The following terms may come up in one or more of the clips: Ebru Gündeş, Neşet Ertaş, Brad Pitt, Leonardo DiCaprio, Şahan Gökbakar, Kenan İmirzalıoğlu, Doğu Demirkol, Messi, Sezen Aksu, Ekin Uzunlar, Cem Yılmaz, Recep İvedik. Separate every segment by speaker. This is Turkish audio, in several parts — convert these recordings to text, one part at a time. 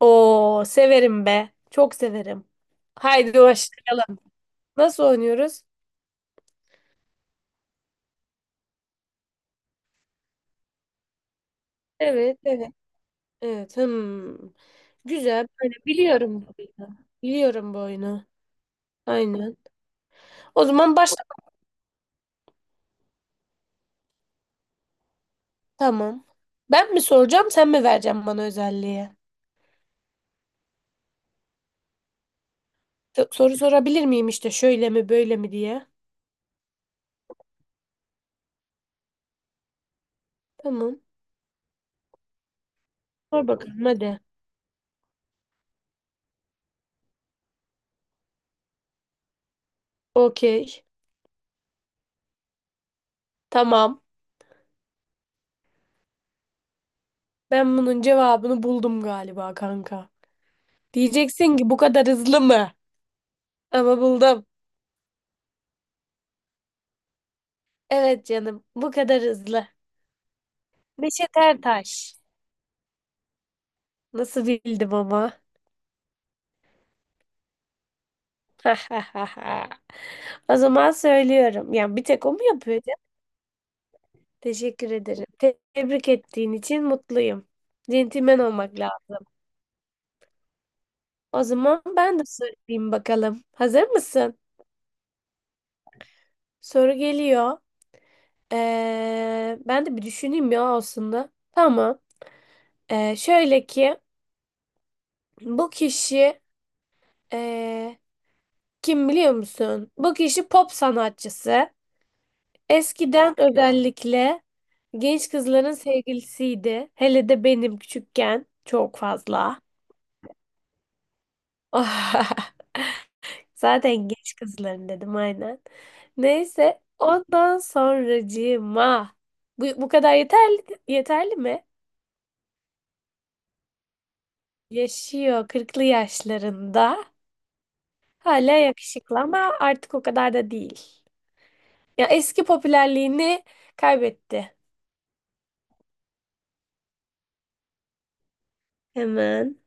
Speaker 1: Oo, severim be. Çok severim. Haydi başlayalım. Nasıl oynuyoruz? Evet, evet. Evet. Hmm. Güzel. Böyle biliyorum bu oyunu. Biliyorum bu oyunu. Aynen. O zaman başla. Tamam. Ben mi soracağım, sen mi vereceksin bana özelliği? Soru sorabilir miyim işte şöyle mi böyle mi diye. Tamam. Sor bakalım hadi. Okey. Tamam. Ben bunun cevabını buldum galiba kanka. Diyeceksin ki bu kadar hızlı mı? Ama buldum. Evet canım, bu kadar hızlı. Neşet Ertaş. Nasıl bildim ama? O zaman söylüyorum. Yani bir tek o mu yapıyor canım? Teşekkür ederim. Tebrik ettiğin için mutluyum. Centilmen olmak lazım. O zaman ben de sorayım bakalım. Hazır mısın? Soru geliyor. Ben de bir düşüneyim ya aslında. Tamam. Şöyle ki bu kişi ee, kim biliyor musun? Bu kişi pop sanatçısı. Eskiden özellikle genç kızların sevgilisiydi. Hele de benim küçükken çok fazla. Zaten genç kızların dedim aynen. Neyse ondan sonracığıma bu kadar yeterli mi? Yaşıyor kırklı yaşlarında. Hala yakışıklı ama artık o kadar da değil. Ya eski popülerliğini kaybetti. Hemen.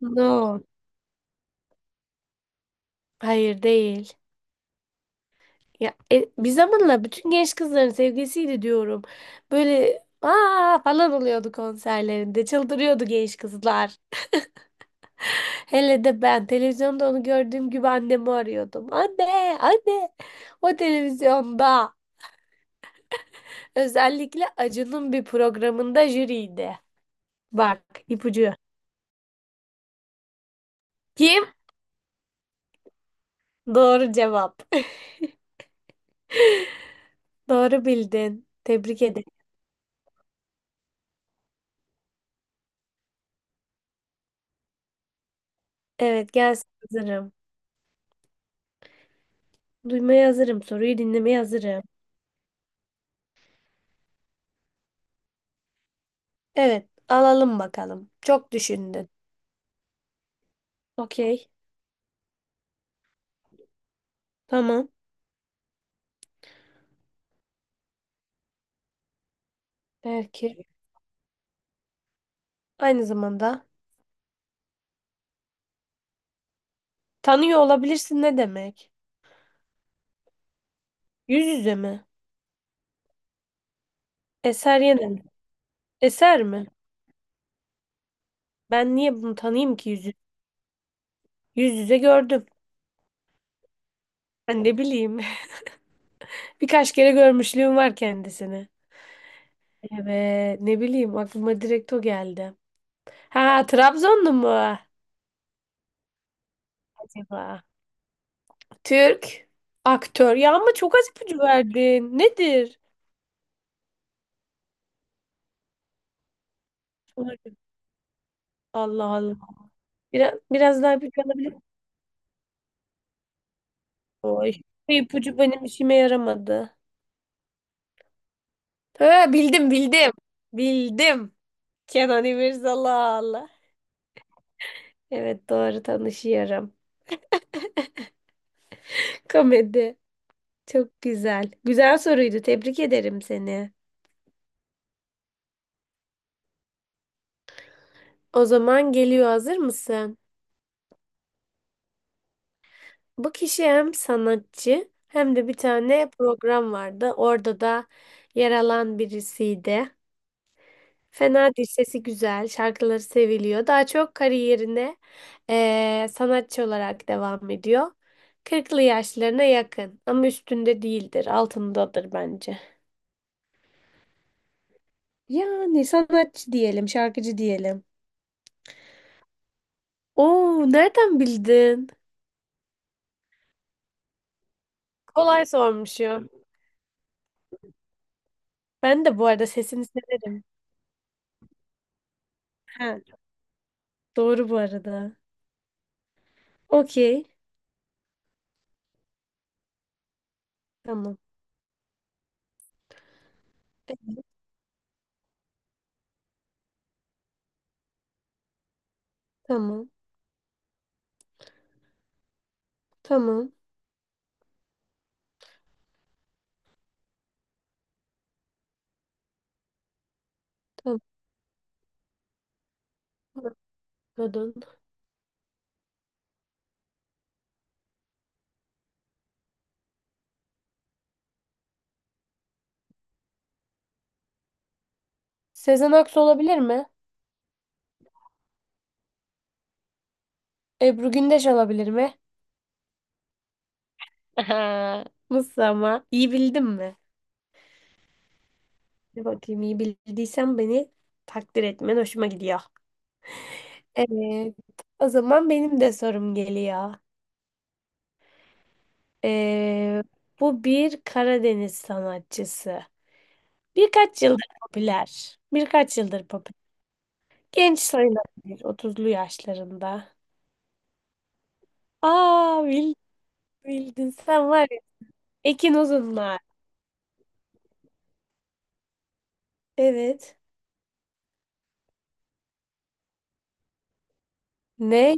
Speaker 1: No. Hayır değil. Ya bir zamanla bütün genç kızların sevgilisiydi diyorum. Böyle aa falan oluyordu konserlerinde. Çıldırıyordu genç kızlar. Hele de ben televizyonda onu gördüğüm gibi annemi arıyordum. Anne, anne. O televizyonda özellikle Acun'un bir programında jüriydi. Bak ipucu. Kim? Doğru cevap. Doğru bildin. Tebrik ederim. Evet gelsin hazırım. Duymaya hazırım. Soruyu dinlemeye hazırım. Evet, alalım bakalım. Çok düşündün. Okey, tamam. Belki aynı zamanda tanıyor olabilirsin ne demek? Yüz yüze mi? Eser yine mi? Eser mi? Ben niye bunu tanıyayım ki yüz yüze? Yüz yüze gördüm. Ben ne bileyim. Birkaç kere görmüşlüğüm var kendisini. Evet, ne bileyim aklıma direkt o geldi. Ha, Trabzonlu mu acaba? Türk aktör. Ya ama çok az ipucu verdin. Nedir? Umarım. Allah Allah. Biraz daha ipucu alabilir miyim? Oy. Bu ipucu benim işime yaramadı. Ha, bildim bildim. Bildim. Kenan İmirzalıoğlu. Evet doğru tanışıyorum. Komedi. Çok güzel. Güzel soruydu. Tebrik ederim seni. O zaman geliyor hazır mısın? Bu kişi hem sanatçı hem de bir tane program vardı. Orada da yer alan birisiydi. Fena değil, sesi güzel, şarkıları seviliyor. Daha çok kariyerine sanatçı olarak devam ediyor. Kırklı yaşlarına yakın ama üstünde değildir, altındadır bence. Yani sanatçı diyelim, şarkıcı diyelim. Oo, nereden bildin? Kolay sormuşum. Ben de bu arada sesini severim. Ha, doğru bu arada. Okey. Tamam. Tamam. Tamam. Tamam. Kadın. Sezen Aksu olabilir mi? Ebru Gündeş olabilir mi? Aha, nasıl ama? İyi bildim mi? Bir bakayım iyi bildiysen beni takdir etmen hoşuma gidiyor. Evet. O zaman benim de sorum geliyor. Ee, Bu bir Karadeniz sanatçısı. Birkaç yıldır popüler. Birkaç yıldır popüler. Genç sayılabilir. Otuzlu yaşlarında. Aa bildin, bildin. Sen var ya. Ekin Uzunlar. Evet. Ne?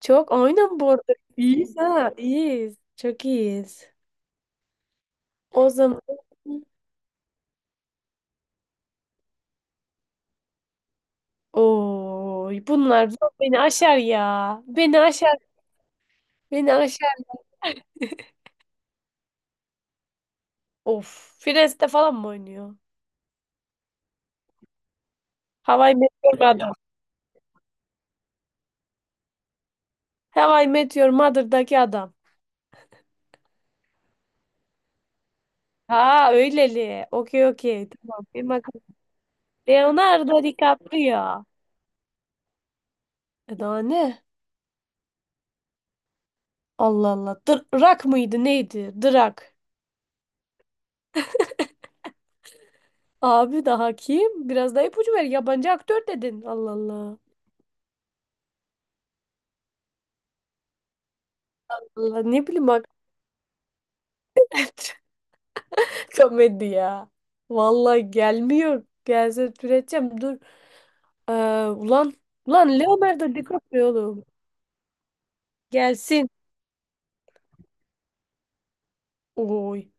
Speaker 1: Çok oynan bu arada. İyiyiz ha. İyiyiz. Çok iyiyiz. O zaman oy bunlar beni aşar ya. Beni aşar. Beni aşar. Of. Friends'te falan mı oynuyor? Hawaii Meteor adam. Hawaii Meteor Mother'daki adam. Ha öyleli. Okey okey. Tamam. Benim aklım- Leonardo DiCaprio. E daha ne? Allah Allah. Drak mıydı neydi? Drak. Abi daha kim? Biraz daha ipucu ver. Yabancı aktör dedin. Allah Allah. Allah ne bileyim bak. Komedi ya. Vallahi gelmiyor. Gelse türeteceğim. Dur. Ee, Ulan ulan Leonardo DiCaprio oğlum. Gelsin. Oy.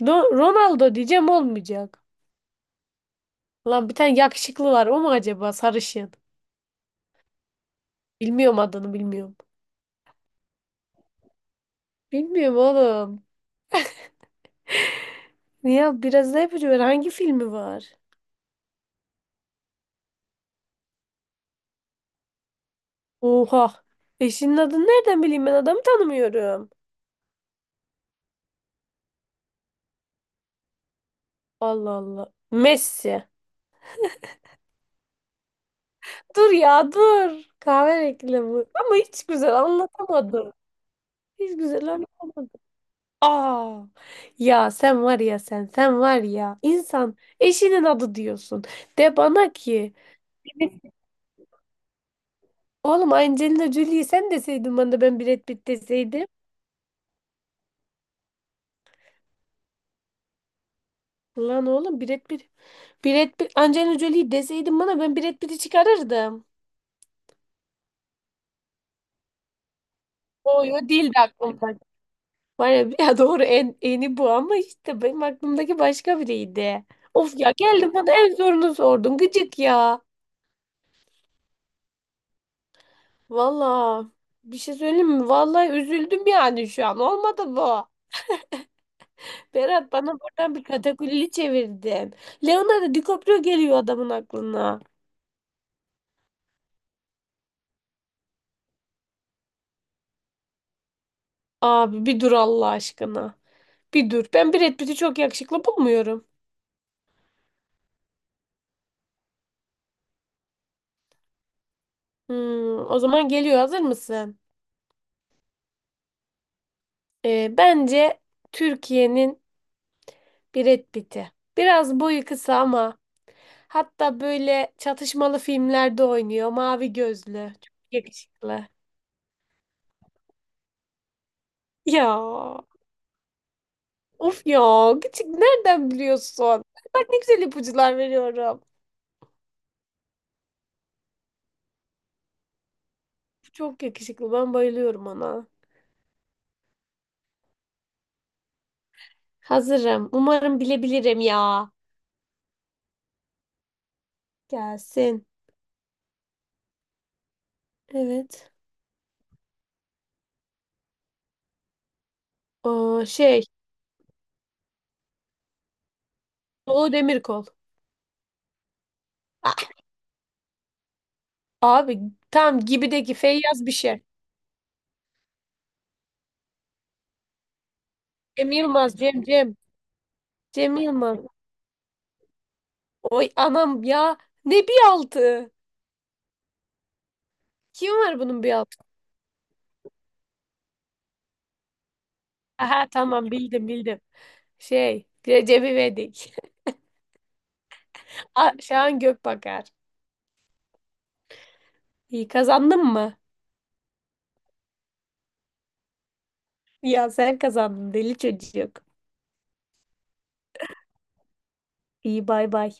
Speaker 1: Ronaldo diyeceğim olmayacak. Lan bir tane yakışıklı var. O mu acaba sarışın? Bilmiyorum adını bilmiyorum. Bilmiyorum oğlum. Ya biraz ne ipucu ver. Hangi filmi var? Oha. Eşinin adını nereden bileyim ben adamı tanımıyorum. Allah Allah. Messi. Dur ya dur. Kahve reklamı. Ama hiç güzel anlatamadım. Hiç güzel anlamadım. Aa, ya sen var ya sen var ya insan eşinin adı diyorsun. De bana ki oğlum Angelina Jolie'yi sen deseydin bana da ben Brad Pitt deseydim. Lan oğlum Brad Pitt Angelina Jolie'yi deseydin bana ben Brad Pitt'i çıkarırdım. O yo değildi aklımda. Var ya, ya doğru en eni bu ama işte benim aklımdaki başka biriydi. Of ya geldim bana en zorunu sordun gıcık ya. Valla bir şey söyleyeyim mi? Vallahi üzüldüm yani şu an. Olmadı bu. Berat bana buradan bir katakulli çevirdin. Leonardo DiCaprio geliyor adamın aklına. Abi bir dur Allah aşkına. Bir dur. Ben Brad Pitt'i çok yakışıklı bulmuyorum. O zaman geliyor. Hazır mısın? Bence Türkiye'nin Brad Pitt'i. Biraz boyu kısa ama hatta böyle çatışmalı filmlerde oynuyor. Mavi gözlü. Çok yakışıklı. Ya. Of ya. Küçük nereden biliyorsun? Bak ne güzel ipuçlar veriyorum. Çok yakışıklı. Ben bayılıyorum ona. Hazırım. Umarım bilebilirim ya. Gelsin. Evet. Aa, şey. Doğu Demirkol. Ah, abi tam gibideki Feyyaz bir şey. Cem Yılmaz. Cem. Cem Yılmaz. Oy anam ya. Ne bir altı. Kim var bunun bir altı? Aha tamam bildim bildim. Şey. Recep İvedik. Ah, Şahan Gökbakar. İyi kazandın mı? Ya sen kazandın deli çocuk. İyi bay bay.